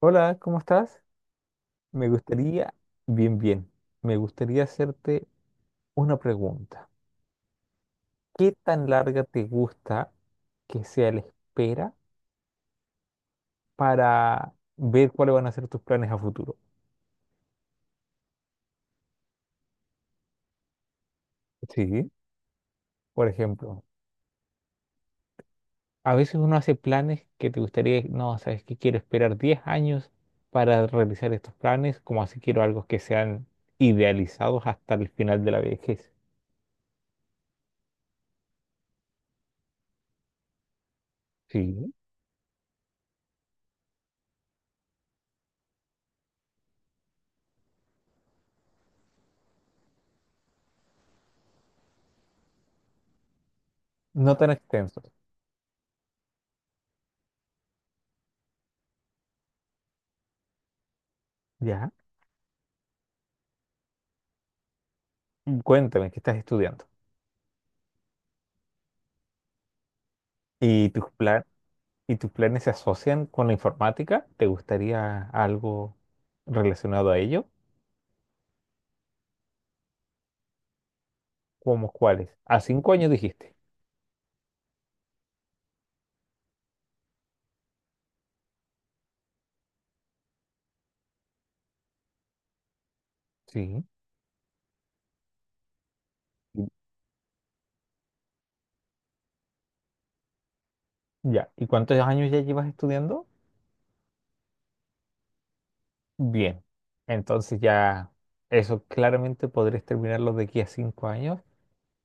Hola, ¿cómo estás? Me gustaría, bien, bien, me gustaría hacerte una pregunta. ¿Qué tan larga te gusta que sea la espera para ver cuáles van a ser tus planes a futuro? Sí. Por ejemplo, a veces uno hace planes que te gustaría, no, sabes que quiero esperar 10 años para realizar estos planes, como así quiero algo que sean idealizados hasta el final de la vejez. Sí. No tan extensos. Ya. Cuéntame, ¿qué estás estudiando? ¿Y tus planes? ¿Y tus planes se asocian con la informática? ¿Te gustaría algo relacionado a ello? ¿Cómo cuáles? A 5 años dijiste. Sí. Y- Ya. ¿Y cuántos años ya llevas estudiando? Bien. Entonces ya eso claramente podrías terminarlo de aquí a 5 años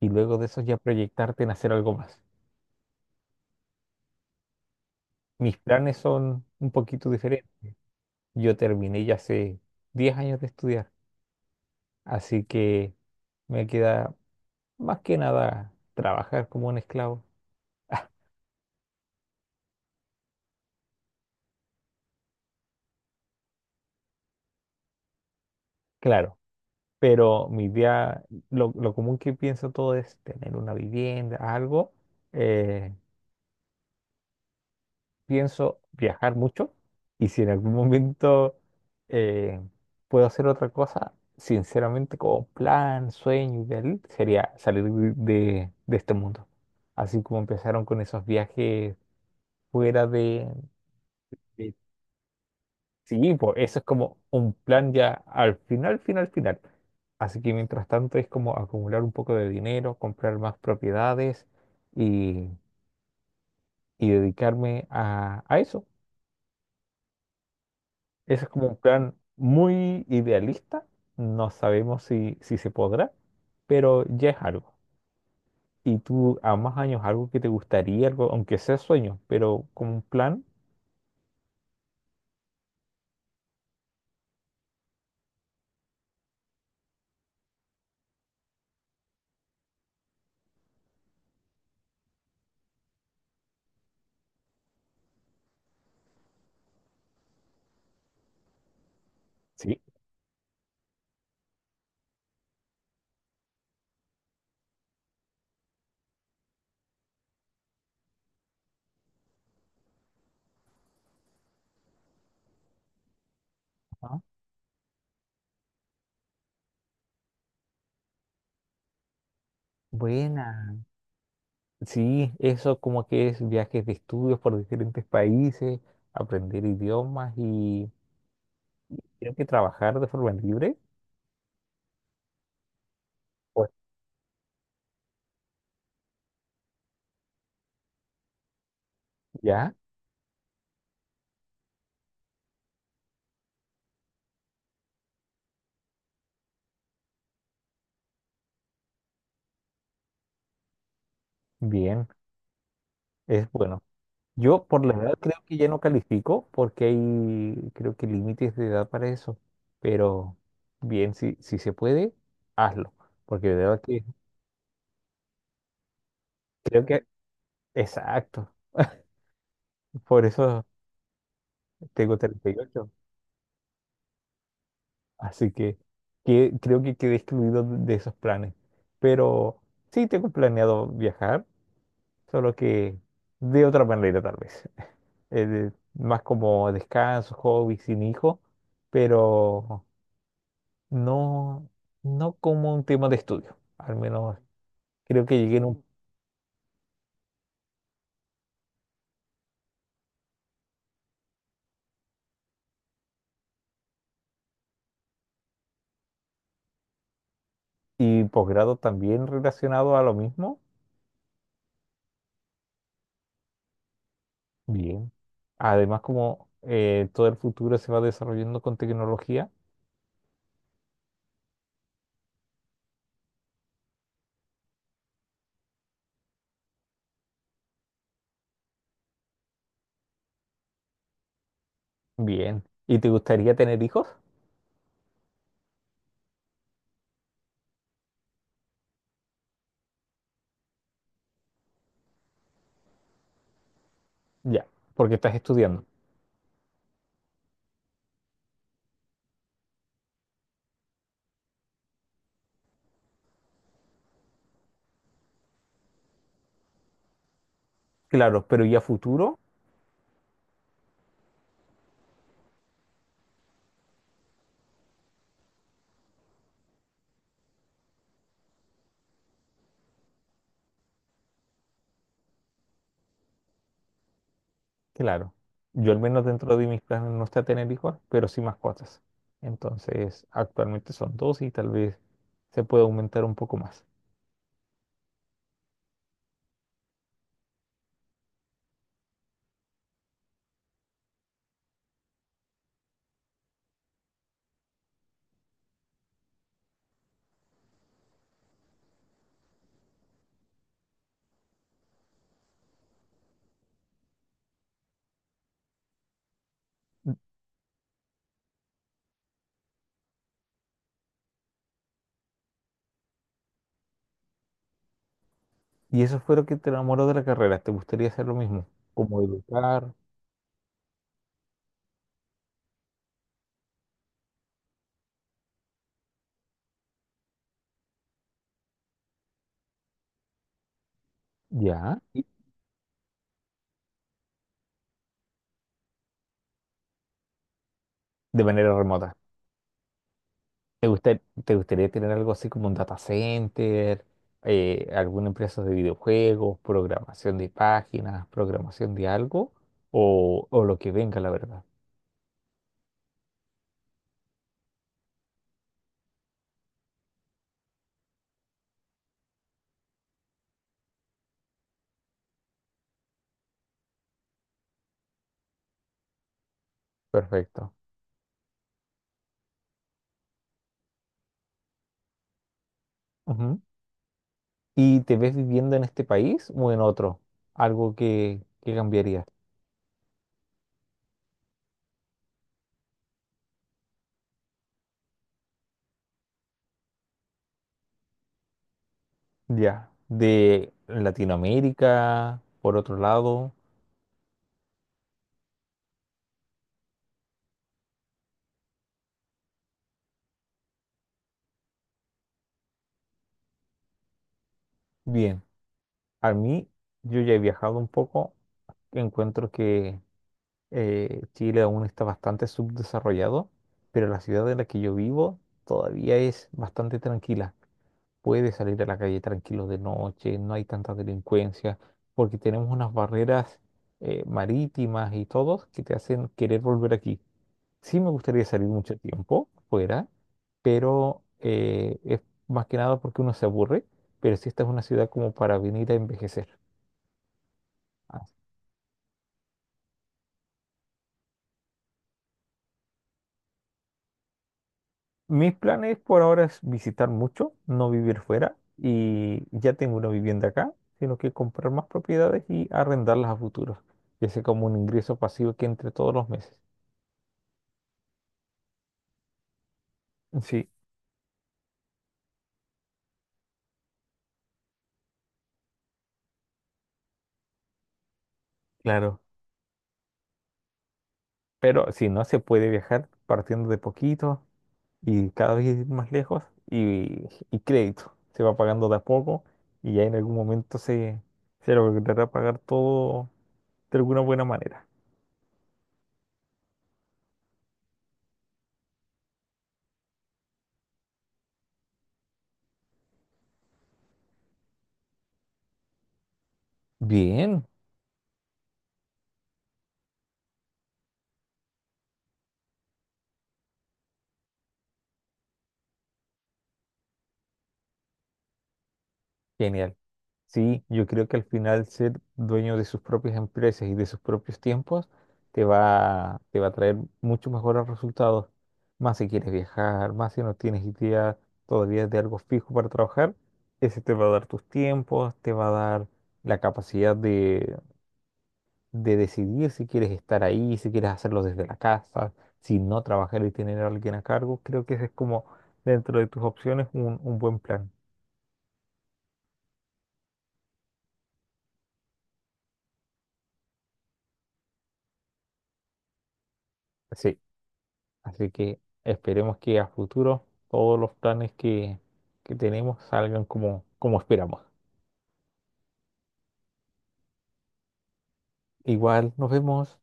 y luego de eso ya proyectarte en hacer algo más. Mis planes son un poquito diferentes. Yo terminé ya hace 10 años de estudiar, así que me queda más que nada trabajar como un esclavo. Claro, pero mi idea, lo común que pienso todo es tener una vivienda, algo. eh, Pienso viajar mucho y si en algún momento eh, puedo hacer otra cosa, sinceramente como plan, sueño ideal, sería salir de este mundo. Así como empezaron con esos viajes fuera de- Sí, pues eso es como un plan ya al final, final, final. Así que mientras tanto es como acumular un poco de dinero, comprar más propiedades y, y dedicarme a eso. Ese es como un plan muy idealista. No sabemos si se podrá, pero ya es algo. ¿Y tú a más años algo que te gustaría, algo, aunque sea sueño, pero como un plan? Sí. Ajá. Buena. Sí, eso como que es viajes de estudios por diferentes países, aprender idiomas y creo que trabajar de forma libre. Pues ya. Bien, es bueno. Yo por la edad creo que ya no califico porque hay, creo que límites de edad para eso. Pero bien, si se puede, hazlo. Porque de verdad que creo que, exacto. Por eso tengo 38. Así que creo que quedé excluido de esos planes. Pero sí tengo planeado viajar, solo que de otra manera tal vez. Más como descanso, hobby, sin hijo. Pero... no, no como un tema de estudio. Al menos creo que llegué en un y posgrado también relacionado a lo mismo. Bien. Además, como todo el futuro se va desarrollando con tecnología, bien. ¿Y te gustaría tener hijos? Ya, porque estás estudiando. Claro, pero ¿y a futuro? Claro. Yo al menos dentro de mis planes no está tener hijos, pero sí mascotas. Entonces, actualmente son dos y tal vez se puede aumentar un poco más. Y eso fue lo que te enamoró de la carrera. ¿Te gustaría hacer lo mismo? Como educar, ya, y de manera remota. Te gustaría tener algo así como un data center, alguna empresa de videojuegos, programación de páginas, programación de algo? O lo que venga, la verdad. Perfecto. Ujú. ¿Y te ves viviendo en este país o en otro? Algo que cambiaría. Ya. De Latinoamérica, por otro lado. Bien. A mí, yo ya he viajado un poco, encuentro que Chile aún está bastante subdesarrollado, pero la ciudad en la que yo vivo todavía es bastante tranquila. Puedes salir a la calle tranquilo de noche, no hay tanta delincuencia, porque tenemos unas barreras marítimas y todo que te hacen querer volver aquí. Sí me gustaría salir mucho tiempo fuera, pero es más que nada porque uno se aburre, pero sí esta es una ciudad como para venir a envejecer. Mis planes por ahora es visitar mucho, no vivir fuera y ya tengo una vivienda acá, sino que comprar más propiedades y arrendarlas a futuro, que sea como un ingreso pasivo que entre todos los meses. Sí, claro. Pero si no, se puede viajar partiendo de poquito y cada vez ir más lejos y, y crédito. Se va pagando de a poco y ya en algún momento se logrará pagar todo de alguna buena manera. Bien, genial. Sí, yo creo que al final ser dueño de sus propias empresas y de sus propios tiempos te va a traer muchos mejores resultados. Más si quieres viajar, más si no tienes idea todavía de algo fijo para trabajar, ese te va a dar tus tiempos, te va a dar la capacidad de decidir si quieres estar ahí, si quieres hacerlo desde la casa, si no trabajar y tener a alguien a cargo. Creo que ese es como dentro de tus opciones un buen plan. Sí. Así que esperemos que a futuro todos los planes que tenemos salgan como, como esperamos. Igual nos vemos.